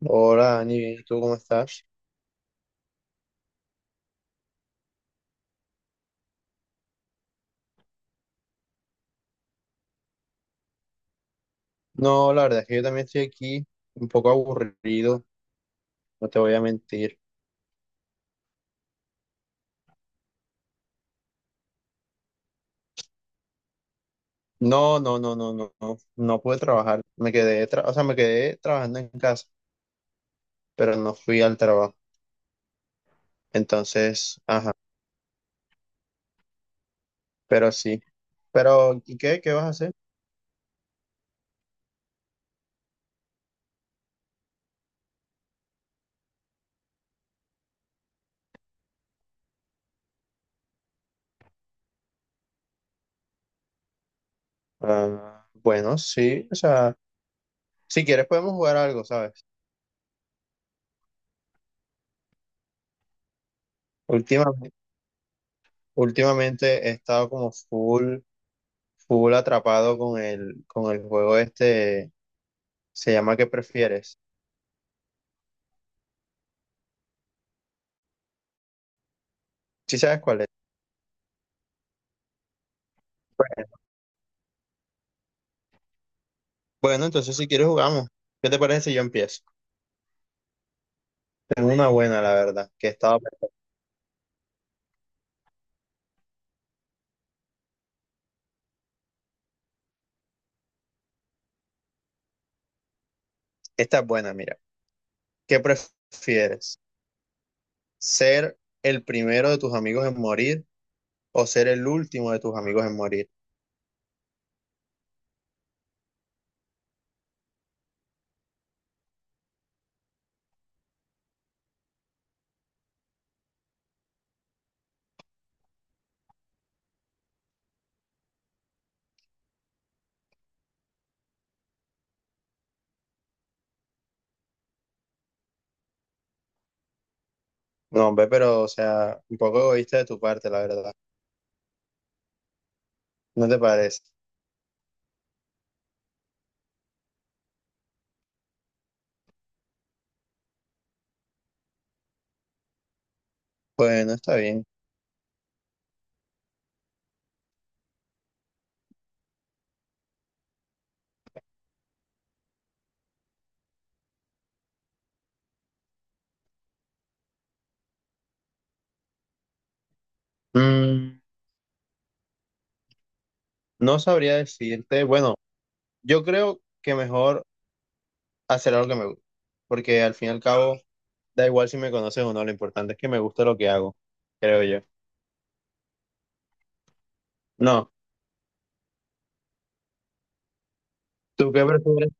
Hola, Dani, bien, ¿y tú cómo estás? No, la verdad es que yo también estoy aquí un poco aburrido, no te voy a mentir. No, no, no, no, no, no, no pude trabajar. Me quedé, o sea, me quedé trabajando en casa, pero no fui al trabajo. Entonces, ajá, pero sí. Pero, ¿y qué? ¿Qué vas a hacer? Ah, bueno, sí, o sea, si quieres podemos jugar algo, ¿sabes? Últimamente, últimamente he estado como full atrapado con con el juego este, se llama ¿Qué prefieres? Sí sabes cuál es. Bueno, entonces si quieres jugamos. ¿Qué te parece si yo empiezo? Tengo una buena, la verdad, que estaba… Esta es buena, mira. ¿Qué prefieres? ¿Ser el primero de tus amigos en morir o ser el último de tus amigos en morir? No, hombre, pero, o sea, un poco egoísta de tu parte, la verdad. ¿No te parece? Bueno, está bien. Mm, no sabría decirte. Bueno, yo creo que mejor hacer algo que me gusta. Porque al fin y al cabo, da igual si me conoces o no, lo importante es que me guste lo que hago, creo yo. No, ¿tú qué prefieres?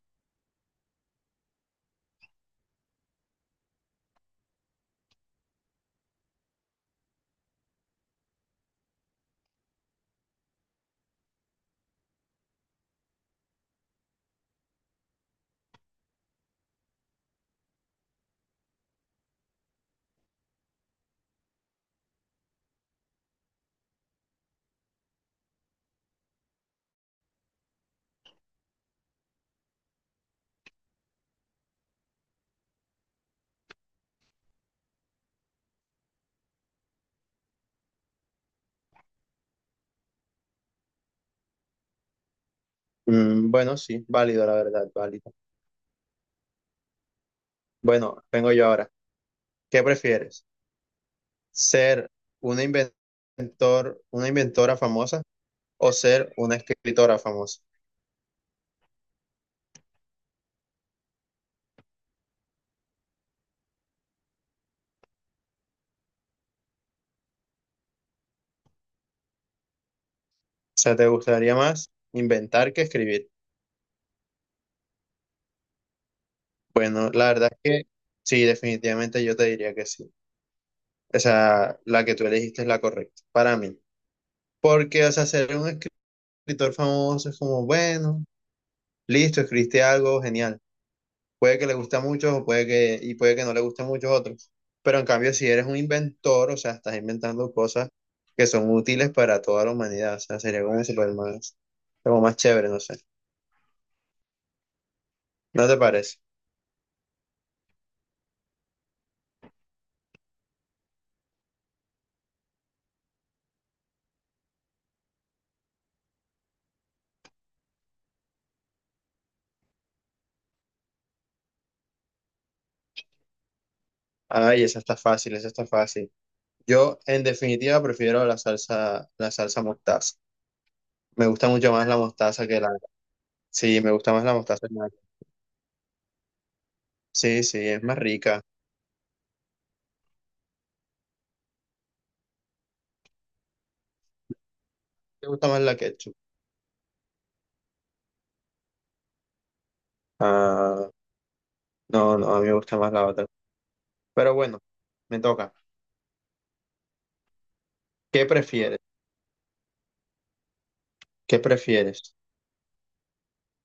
Mm, bueno, sí, válido, la verdad, válido. Bueno, vengo yo ahora. ¿Qué prefieres? ¿Ser una inventor, una inventora famosa o ser una escritora famosa? O sea, ¿te gustaría más inventar que escribir? Bueno, la verdad es que sí, definitivamente yo te diría que sí. O sea, la que tú elegiste es la correcta para mí. Porque, o sea, ser un escritor famoso es como, bueno, listo, escribiste algo, genial. Puede que le guste a muchos y puede que no le guste a muchos otros. Pero en cambio, si eres un inventor, o sea, estás inventando cosas que son útiles para toda la humanidad, o sea, sería como super más, como más chévere, no sé. ¿No te parece? Ay, esa está fácil, esa está fácil. Yo, en definitiva, prefiero la salsa mostaza. Me gusta mucho más la mostaza que la… Sí, me gusta más la mostaza que la… Sí, sí, es más rica. Me gusta más la ketchup. Ah, no, no, a mí me gusta más la otra. Pero bueno, me toca. ¿Qué prefieres? ¿Qué prefieres?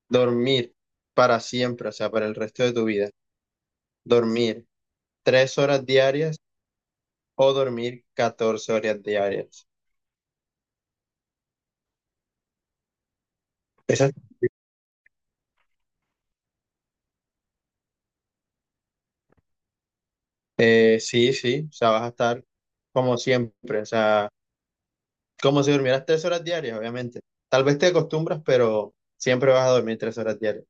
¿Dormir para siempre, o sea, para el resto de tu vida? ¿Dormir 3 horas diarias o dormir 14 horas diarias? Esa- sí, sí, o sea, vas a estar como siempre, o sea, como si durmieras 3 horas diarias, obviamente. Tal vez te acostumbras, pero siempre vas a dormir 3 horas diarias.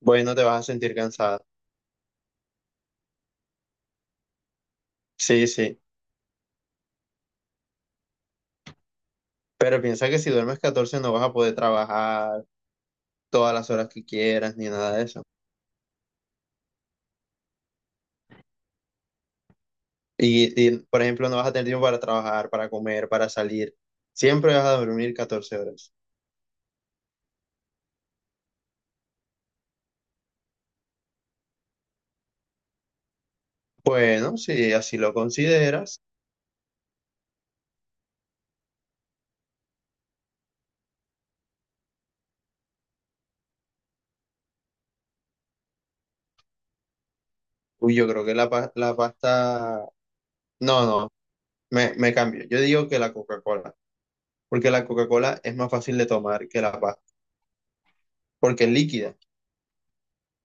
Bueno, te vas a sentir cansada. Sí, sí. Pero piensa que si duermes 14 no vas a poder trabajar todas las horas que quieras ni nada de eso. Y, por ejemplo, no vas a tener tiempo para trabajar, para comer, para salir. Siempre vas a dormir 14 horas. Bueno, si así lo consideras, uy, yo creo que la pasta… No, no, me cambio. Yo digo que la Coca-Cola, porque la Coca-Cola es más fácil de tomar que la pasta, porque es líquida.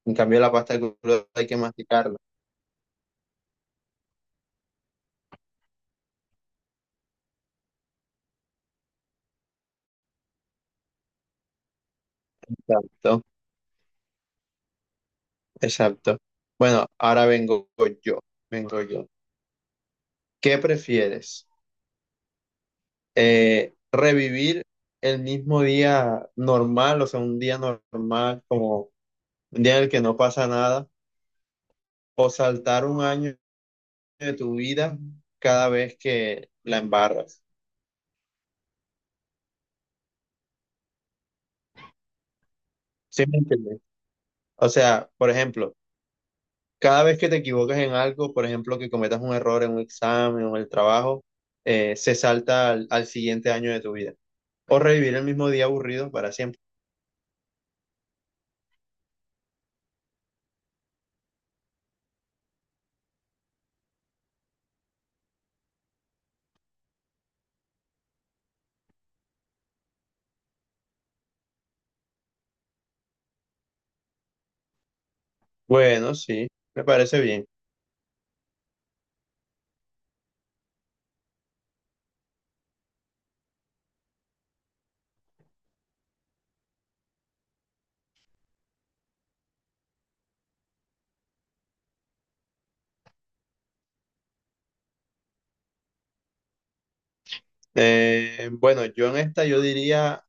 En cambio, la pasta de crudo hay que masticarla. Exacto, exacto. Bueno, ahora vengo yo, vengo yo. ¿Qué prefieres? Eh, revivir el mismo día normal, o sea, un día normal, como un día en el que no pasa nada, o saltar un año de tu vida cada vez que la embarras. ¿Sí me entiendes? O sea, por ejemplo, cada vez que te equivocas en algo, por ejemplo, que cometas un error en un examen o en el trabajo, se salta al siguiente año de tu vida. O revivir el mismo día aburrido para siempre. Bueno, sí, me parece bien. Bueno, yo en esta yo diría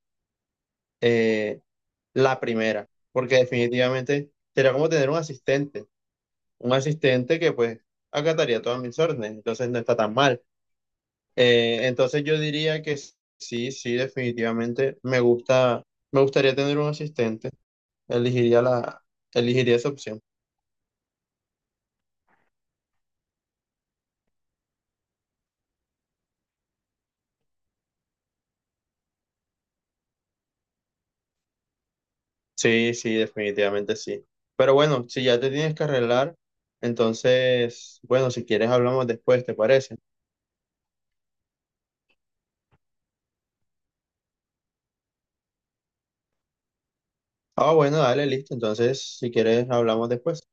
eh, la primera, porque definitivamente sería como tener un asistente que pues acataría todas mis órdenes, entonces no está tan mal. Entonces yo diría que sí, definitivamente me gusta, me gustaría tener un asistente, elegiría la, elegiría esa opción. Sí, sí, definitivamente sí. Pero bueno, si ya te tienes que arreglar, entonces, bueno, si quieres hablamos después, ¿te parece? Ah, bueno, dale, listo. Entonces, si quieres, hablamos después.